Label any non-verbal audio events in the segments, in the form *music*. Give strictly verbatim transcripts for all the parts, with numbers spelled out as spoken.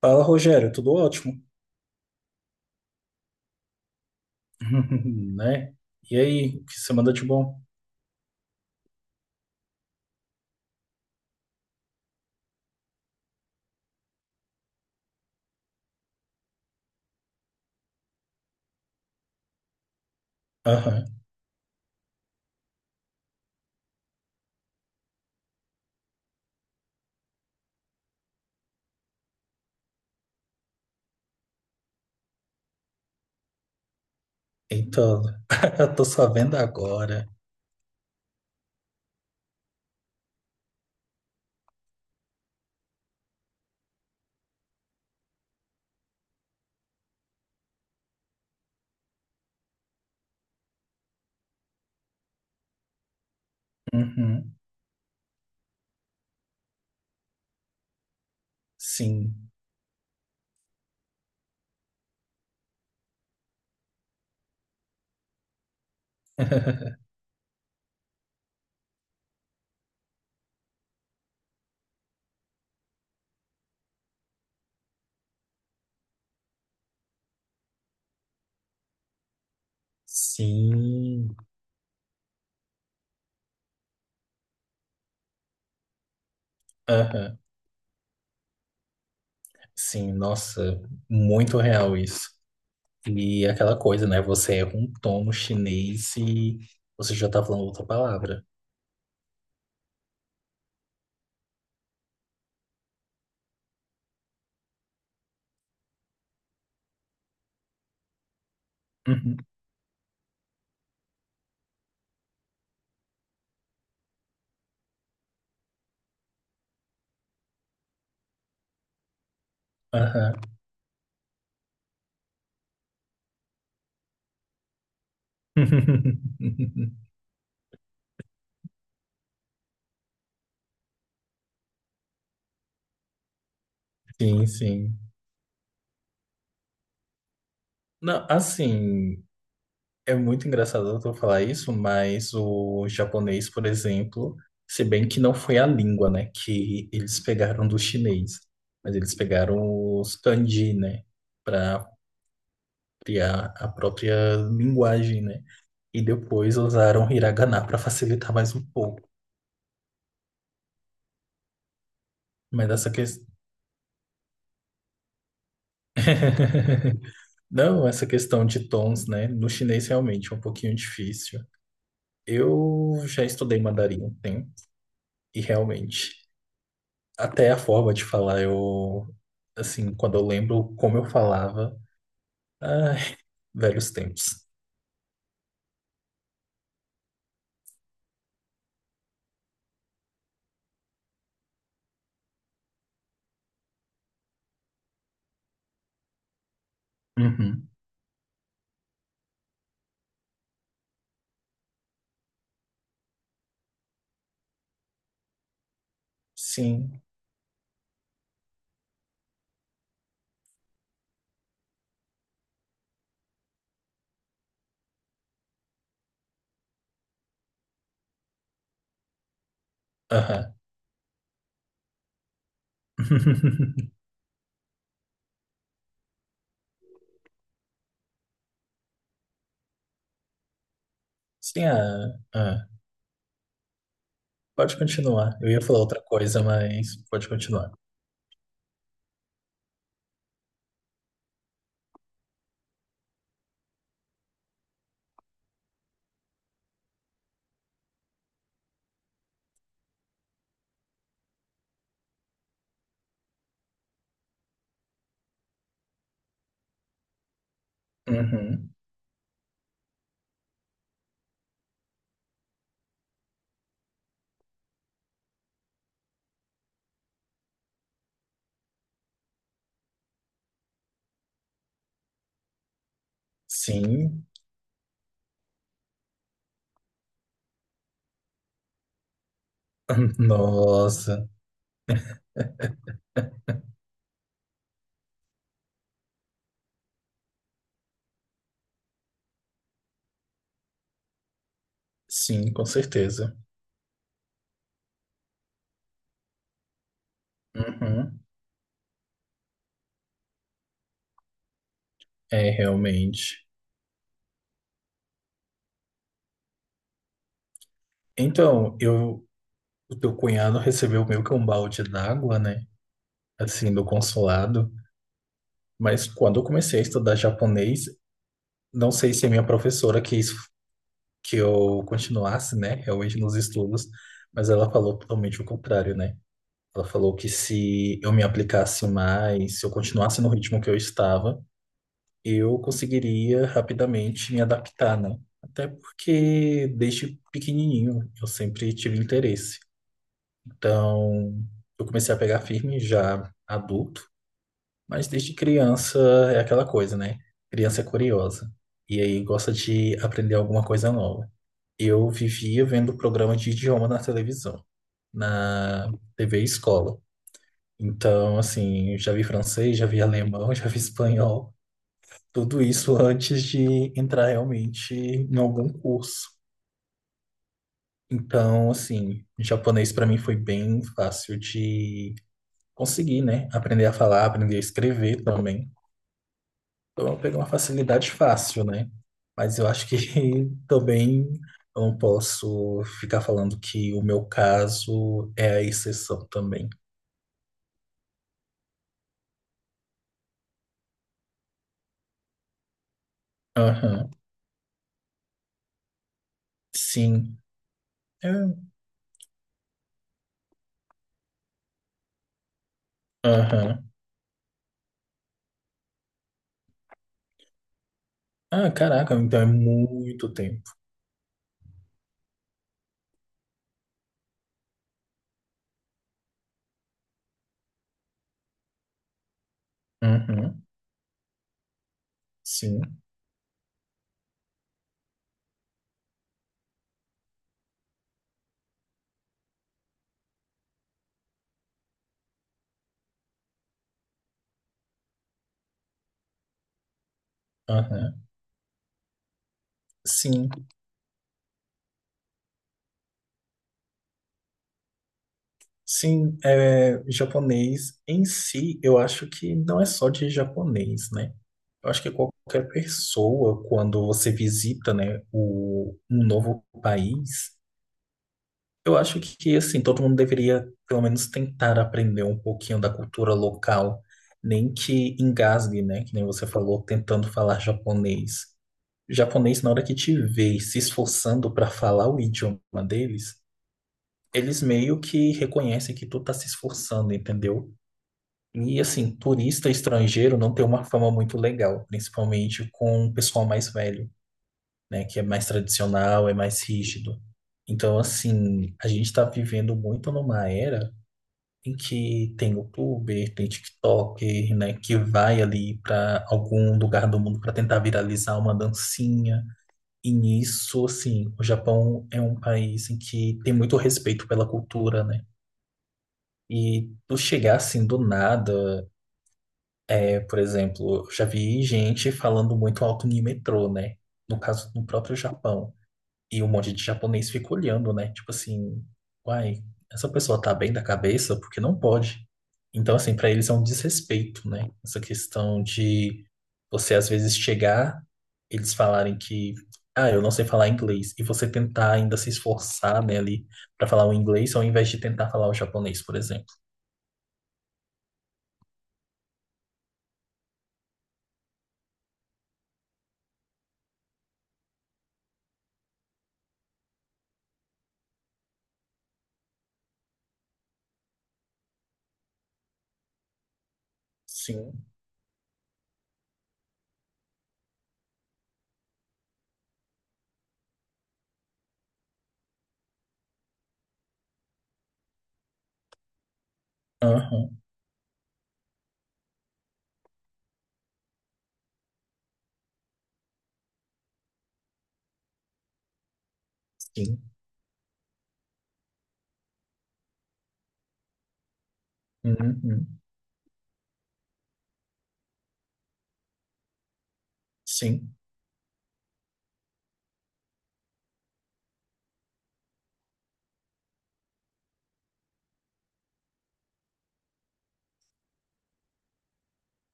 Fala, Rogério, tudo ótimo? *laughs* Né? E aí, o que você manda de bom? Aham. Então, *laughs* tô sabendo agora. Uhum. Sim. *laughs* Sim. Aham. Sim, nossa, muito real isso. E aquela coisa, né? Você erra um tom no chinês e você já tá falando outra palavra. Uhum. Aham. *laughs* Sim, sim. Não, assim, é muito engraçado tu falar isso, mas o japonês, por exemplo, se bem que não foi a língua, né, que eles pegaram do chinês, mas eles pegaram os kanji, né, para criar a própria linguagem, né, e depois usaram hiragana para facilitar mais um pouco. Mas essa questão. *laughs* Não, essa questão de tons, né, no chinês realmente é um pouquinho difícil. Eu já estudei mandarim um tempo, e realmente. Até a forma de falar, eu, assim, quando eu lembro como eu falava, ai, velhos tempos. Uhum. Sim, aham. *laughs* Sim, ah, ah. Pode continuar. Eu ia falar outra coisa, mas pode continuar. Uhum. Sim, *laughs* nossa, sim, com certeza. Uhum. É, realmente. Então, eu, o teu cunhado recebeu meio que um balde d'água, né? Assim, do consulado. Mas quando eu comecei a estudar japonês, não sei se a minha professora quis que eu continuasse, né, realmente nos estudos, mas ela falou totalmente o contrário, né? Ela falou que se eu me aplicasse mais, se eu continuasse no ritmo que eu estava, eu conseguiria rapidamente me adaptar, né? Até porque desde pequenininho eu sempre tive interesse. Então, eu comecei a pegar firme já adulto, mas desde criança é aquela coisa, né? Criança é curiosa e aí gosta de aprender alguma coisa nova. Eu vivia vendo programa de idioma na televisão, na T V escola. Então, assim, eu já vi francês, já vi alemão, *laughs* já vi espanhol, tudo isso antes de entrar realmente em algum curso. Então, assim, japonês para mim foi bem fácil de conseguir, né? Aprender a falar, aprender a escrever também. Então, eu vou pegar uma facilidade fácil, né? Mas eu acho que *laughs* também eu não posso ficar falando que o meu caso é a exceção também. Aham, sim. É, aham. Ah, caraca, então é muito tempo. Uhum. Sim. Aham. Sim. Sim, é, japonês em si, eu acho que não é só de japonês, né? Eu acho que qualquer pessoa, quando você visita, né, o, um novo país, eu acho que, assim, todo mundo deveria, pelo menos, tentar aprender um pouquinho da cultura local, nem que engasgue, né? Que nem você falou, tentando falar japonês. Japonês, na hora que te vê se esforçando para falar o idioma deles, eles meio que reconhecem que tu tá se esforçando, entendeu? E, assim, turista estrangeiro não tem uma fama muito legal, principalmente com o pessoal mais velho, né? Que é mais tradicional, é mais rígido. Então, assim, a gente está vivendo muito numa era em que tem youtuber, tem TikToker, né, que vai ali para algum lugar do mundo para tentar viralizar uma dancinha. E nisso, assim, o Japão é um país em que tem muito respeito pela cultura, né? E tu chegar assim do nada, é, por exemplo, eu já vi gente falando muito alto no metrô, né? No caso, no próprio Japão. E um monte de japonês fica olhando, né? Tipo assim, uai, essa pessoa tá bem da cabeça porque não pode. Então, assim, pra eles é um desrespeito, né? Essa questão de você às vezes chegar, eles falarem que, ah, eu não sei falar inglês, e você tentar ainda se esforçar, né, ali pra falar o inglês ao invés de tentar falar o japonês, por exemplo. Sim. Aham. Sim. Uhum. Sim.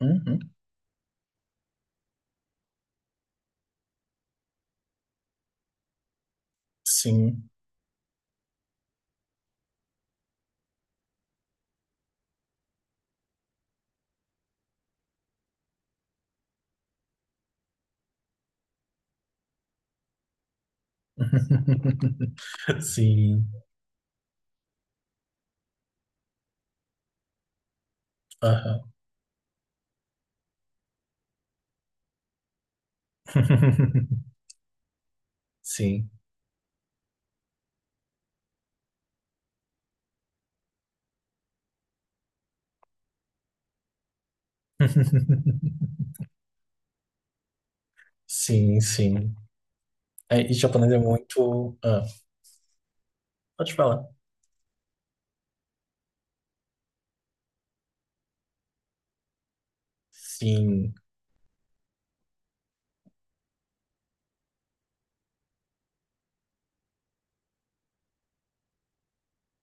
Uhum. Sim. *laughs* Sim. Aham. *laughs* Sim. *laughs* Sim, sim. É, e japonês é muito. Ah, pode falar. Sim.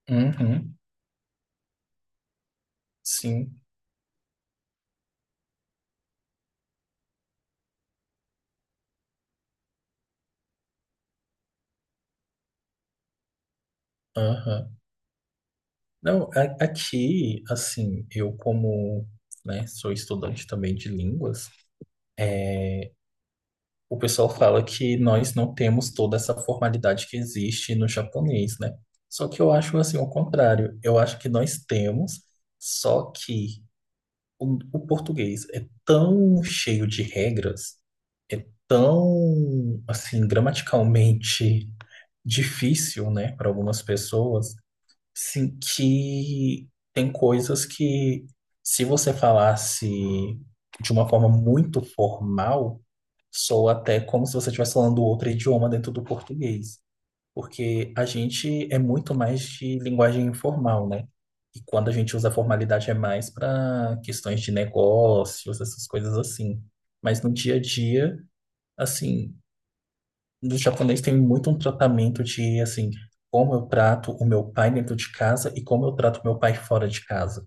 Uhum. Sim. Aham. Não, a- aqui, assim, eu como, né, sou estudante também de línguas, o pessoal fala que nós não temos toda essa formalidade que existe no japonês, né? Só que eu acho assim, o contrário. Eu acho que nós temos, só que o, o português é tão cheio de regras, é tão, assim, gramaticalmente difícil, né, para algumas pessoas, sim, que tem coisas que, se você falasse de uma forma muito formal, soa até como se você estivesse falando outro idioma dentro do português. Porque a gente é muito mais de linguagem informal, né? E quando a gente usa formalidade é mais para questões de negócios, essas coisas assim. Mas no dia a dia, assim, no japonês tem muito um tratamento de, assim, como eu trato o meu pai dentro de casa e como eu trato o meu pai fora de casa.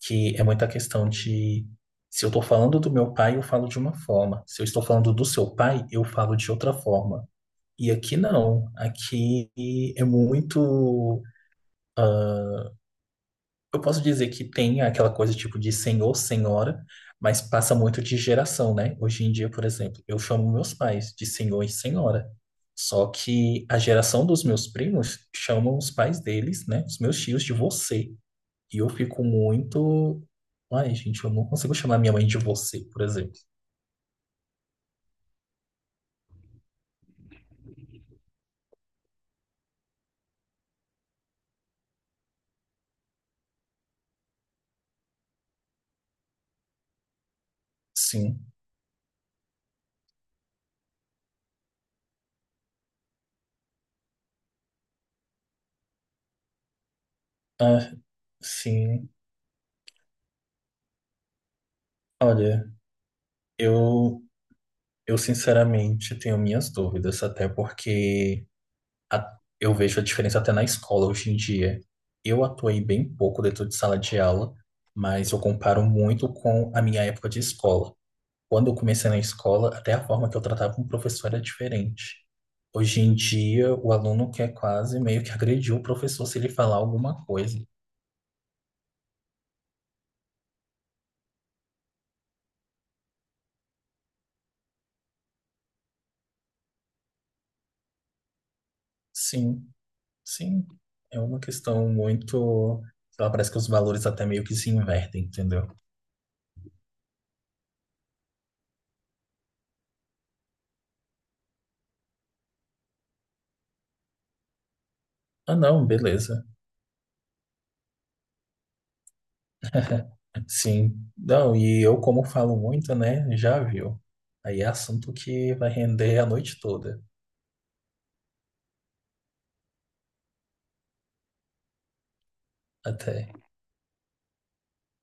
Que é muita questão de, se eu tô falando do meu pai, eu falo de uma forma. Se eu estou falando do seu pai, eu falo de outra forma. E aqui não. Aqui é muito. Eu posso dizer que tem aquela coisa tipo de senhor, senhora, mas passa muito de geração, né? Hoje em dia, por exemplo, eu chamo meus pais de senhor e senhora. Só que a geração dos meus primos chamam os pais deles, né? Os meus tios de você. E eu fico muito. Ai, gente, eu não consigo chamar minha mãe de você, por exemplo. Sim. Ah, sim. Olha, eu, eu sinceramente tenho minhas dúvidas, até porque. A- eu vejo a diferença até na escola hoje em dia. Eu atuei bem pouco dentro de sala de aula, mas eu comparo muito com a minha época de escola. Quando eu comecei na escola, até a forma que eu tratava um professor era diferente. Hoje em dia, o aluno quer quase meio que agredir o professor se ele falar alguma coisa. Sim, sim. É uma questão muito. Sei lá, parece que os valores até meio que se invertem, entendeu? Ah, não, beleza. Sim, não, e eu, como falo muito, né, já viu. Aí é assunto que vai render a noite toda, até.